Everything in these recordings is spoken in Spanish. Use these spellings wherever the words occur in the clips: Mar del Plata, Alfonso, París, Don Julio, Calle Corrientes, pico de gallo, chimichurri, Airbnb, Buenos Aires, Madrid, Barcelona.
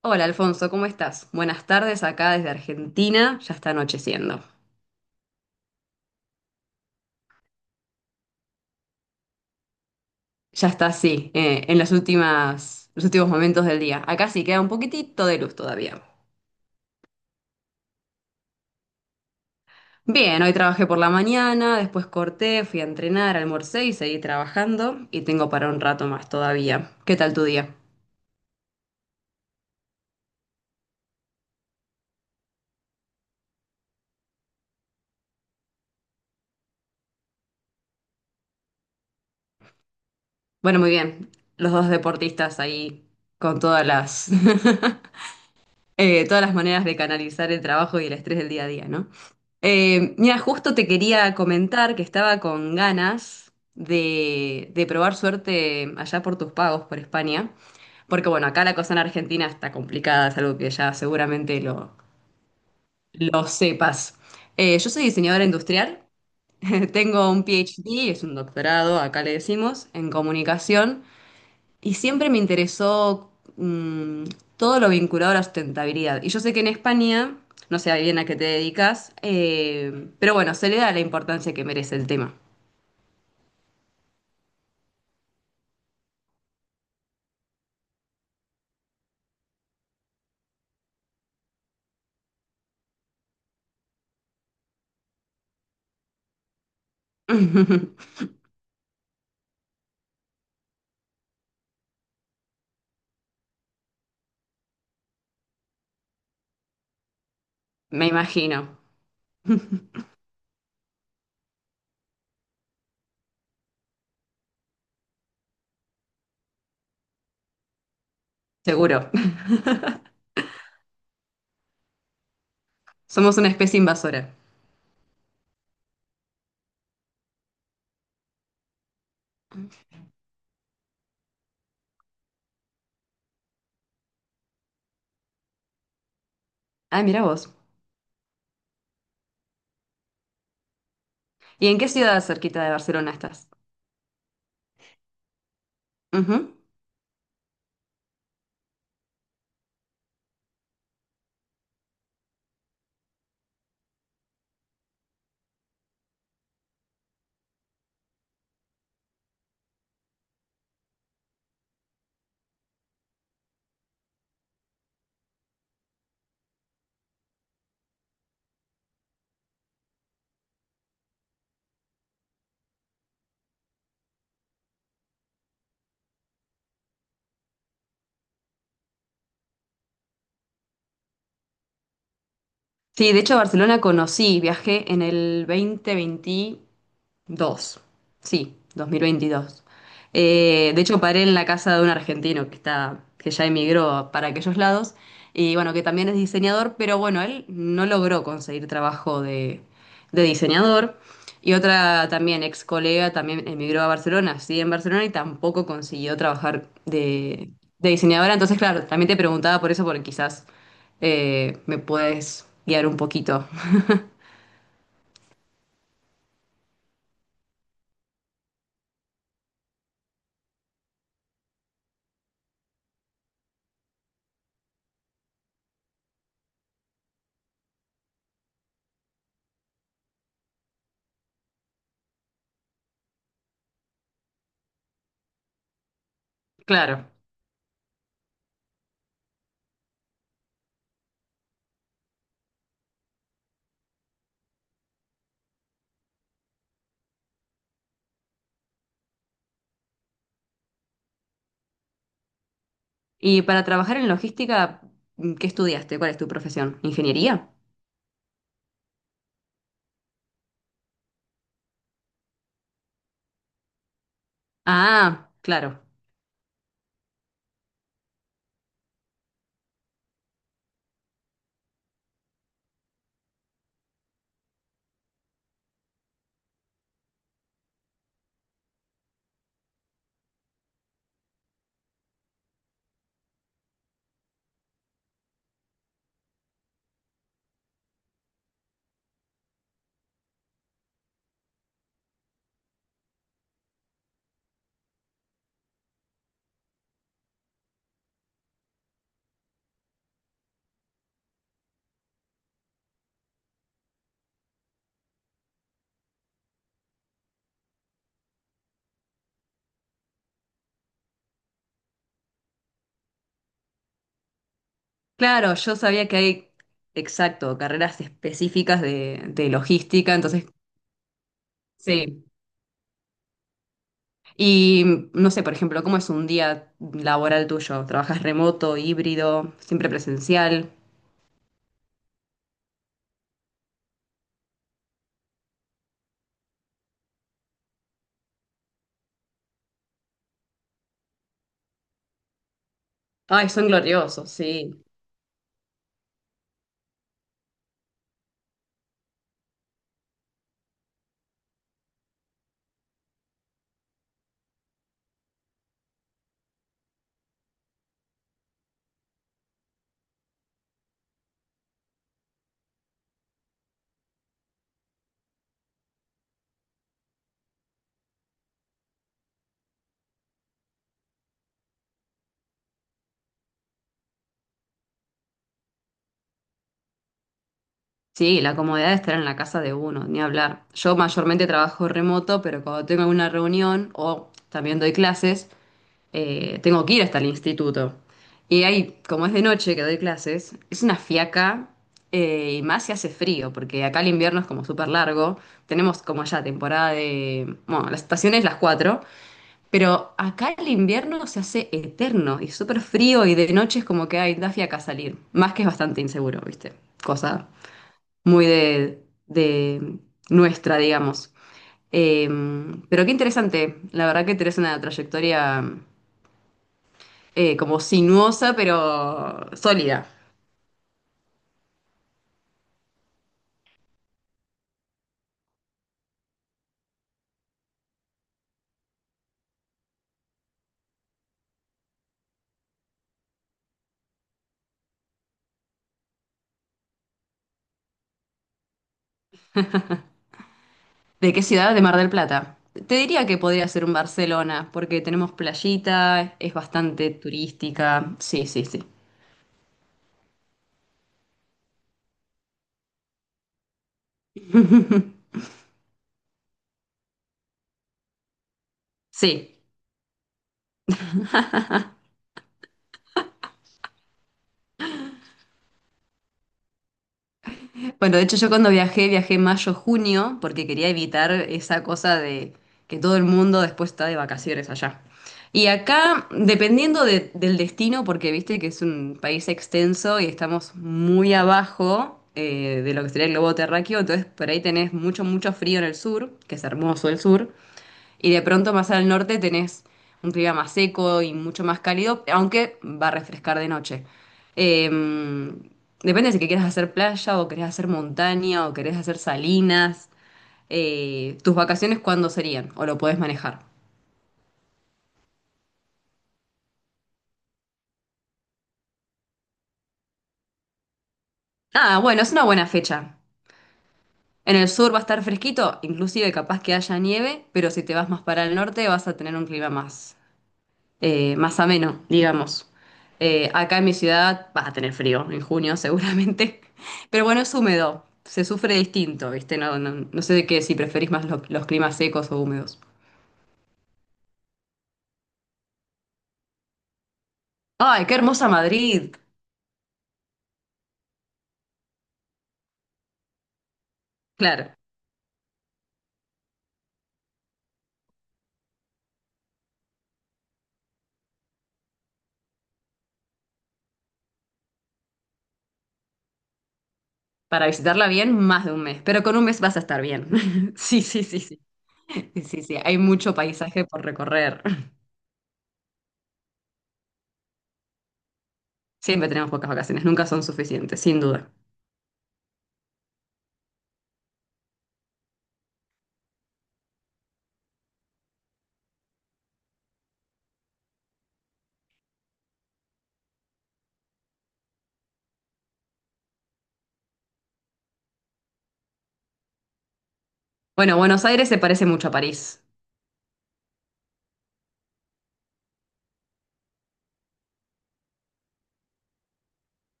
Hola Alfonso, ¿cómo estás? Buenas tardes acá desde Argentina, ya está anocheciendo. Ya está así, los últimos momentos del día. Acá sí queda un poquitito de luz todavía. Bien, hoy trabajé por la mañana, después corté, fui a entrenar, almorcé y seguí trabajando y tengo para un rato más todavía. ¿Qué tal tu día? Bueno, muy bien. Los dos deportistas ahí con todas las todas las maneras de canalizar el trabajo y el estrés del día a día, ¿no? Mira, justo te quería comentar que estaba con ganas de probar suerte allá por tus pagos por España, porque bueno, acá la cosa en Argentina está complicada, es algo que ya seguramente lo sepas. Yo soy diseñadora industrial, tengo un PhD, es un doctorado, acá le decimos, en comunicación. Y siempre me interesó mm, todo lo vinculado a la sustentabilidad. Y yo sé que en España, no sé bien a qué te dedicas, pero bueno, se le da la importancia que merece el tema. Me imagino, seguro. Somos una especie invasora. Ah, mira vos. ¿Y en qué ciudad cerquita de Barcelona estás? Ujú. Sí, de hecho Barcelona conocí, viajé en el 2021, dos, sí, 2022. De hecho, paré en la casa de un argentino que ya emigró para aquellos lados, y bueno, que también es diseñador, pero bueno, él no logró conseguir trabajo de diseñador. Y otra también ex colega también emigró a Barcelona, sí, en Barcelona y tampoco consiguió trabajar de diseñadora. Entonces, claro, también te preguntaba por eso, porque quizás me puedes guiar un poquito. Claro. Y para trabajar en logística, ¿qué estudiaste? ¿Cuál es tu profesión? ¿Ingeniería? Ah, claro. Claro, yo sabía que hay, exacto, carreras específicas de logística, entonces, sí. Y no sé, por ejemplo, ¿cómo es un día laboral tuyo? ¿Trabajas remoto, híbrido, siempre presencial? Ay, son gloriosos, sí. Sí, la comodidad de estar en la casa de uno, ni hablar. Yo mayormente trabajo remoto, pero cuando tengo alguna reunión o también doy clases, tengo que ir hasta el instituto. Y ahí, como es de noche que doy clases, es una fiaca, y más si hace frío, porque acá el invierno es como súper largo. Tenemos como ya temporada de... Bueno, la estación es las 4, pero acá el invierno se hace eterno y súper frío y de noche es como que hay da fiaca salir. Más que es bastante inseguro, ¿viste? Cosa muy de nuestra, digamos. Eh, pero qué interesante, la verdad que tenés una trayectoria, como sinuosa, pero sólida. ¿De qué ciudad? De Mar del Plata. Te diría que podría ser un Barcelona, porque tenemos playita, es bastante turística. Sí, sí, sí. Sí. Bueno, de hecho yo cuando viajé, mayo-junio, porque quería evitar esa cosa de que todo el mundo después está de vacaciones allá. Y acá, dependiendo del destino, porque viste que es un país extenso y estamos muy abajo, de lo que sería el globo terráqueo, entonces por ahí tenés mucho, mucho frío en el sur, que es hermoso el sur, y de pronto más al norte tenés un clima más seco y mucho más cálido, aunque va a refrescar de noche. Eh, Depende si que quieres hacer playa o querés hacer montaña o querés hacer salinas. ¿Tus vacaciones cuándo serían? ¿O lo podés manejar? Ah, bueno, es una buena fecha. En el sur va a estar fresquito, inclusive capaz que haya nieve, pero si te vas más para el norte vas a tener un clima más, más ameno, digamos. Acá en mi ciudad vas a tener frío en junio seguramente, pero bueno, es húmedo, se sufre distinto, ¿viste? No, no, no sé de qué, si preferís más los climas secos o húmedos. ¡Ay, qué hermosa Madrid! Claro, para visitarla bien, más de un mes, pero con un mes vas a estar bien. Sí, sí, sí, sí. Sí, sí, sí, hay mucho paisaje por recorrer. Siempre tenemos pocas vacaciones, nunca son suficientes, sin duda. Bueno, Buenos Aires se parece mucho a París.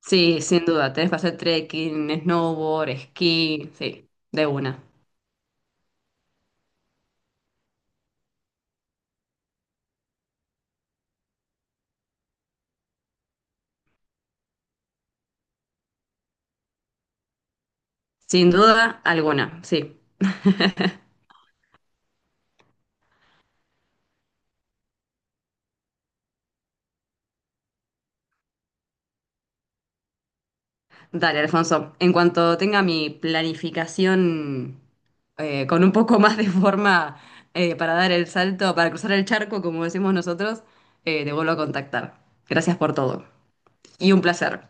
Sí, sin duda. Tenés para hacer trekking, snowboard, esquí. Sí, de una. Sin duda alguna, sí. Dale, Alfonso. En cuanto tenga mi planificación, con un poco más de forma, para dar el salto, para cruzar el charco, como decimos nosotros, te vuelvo a contactar. Gracias por todo. Y un placer.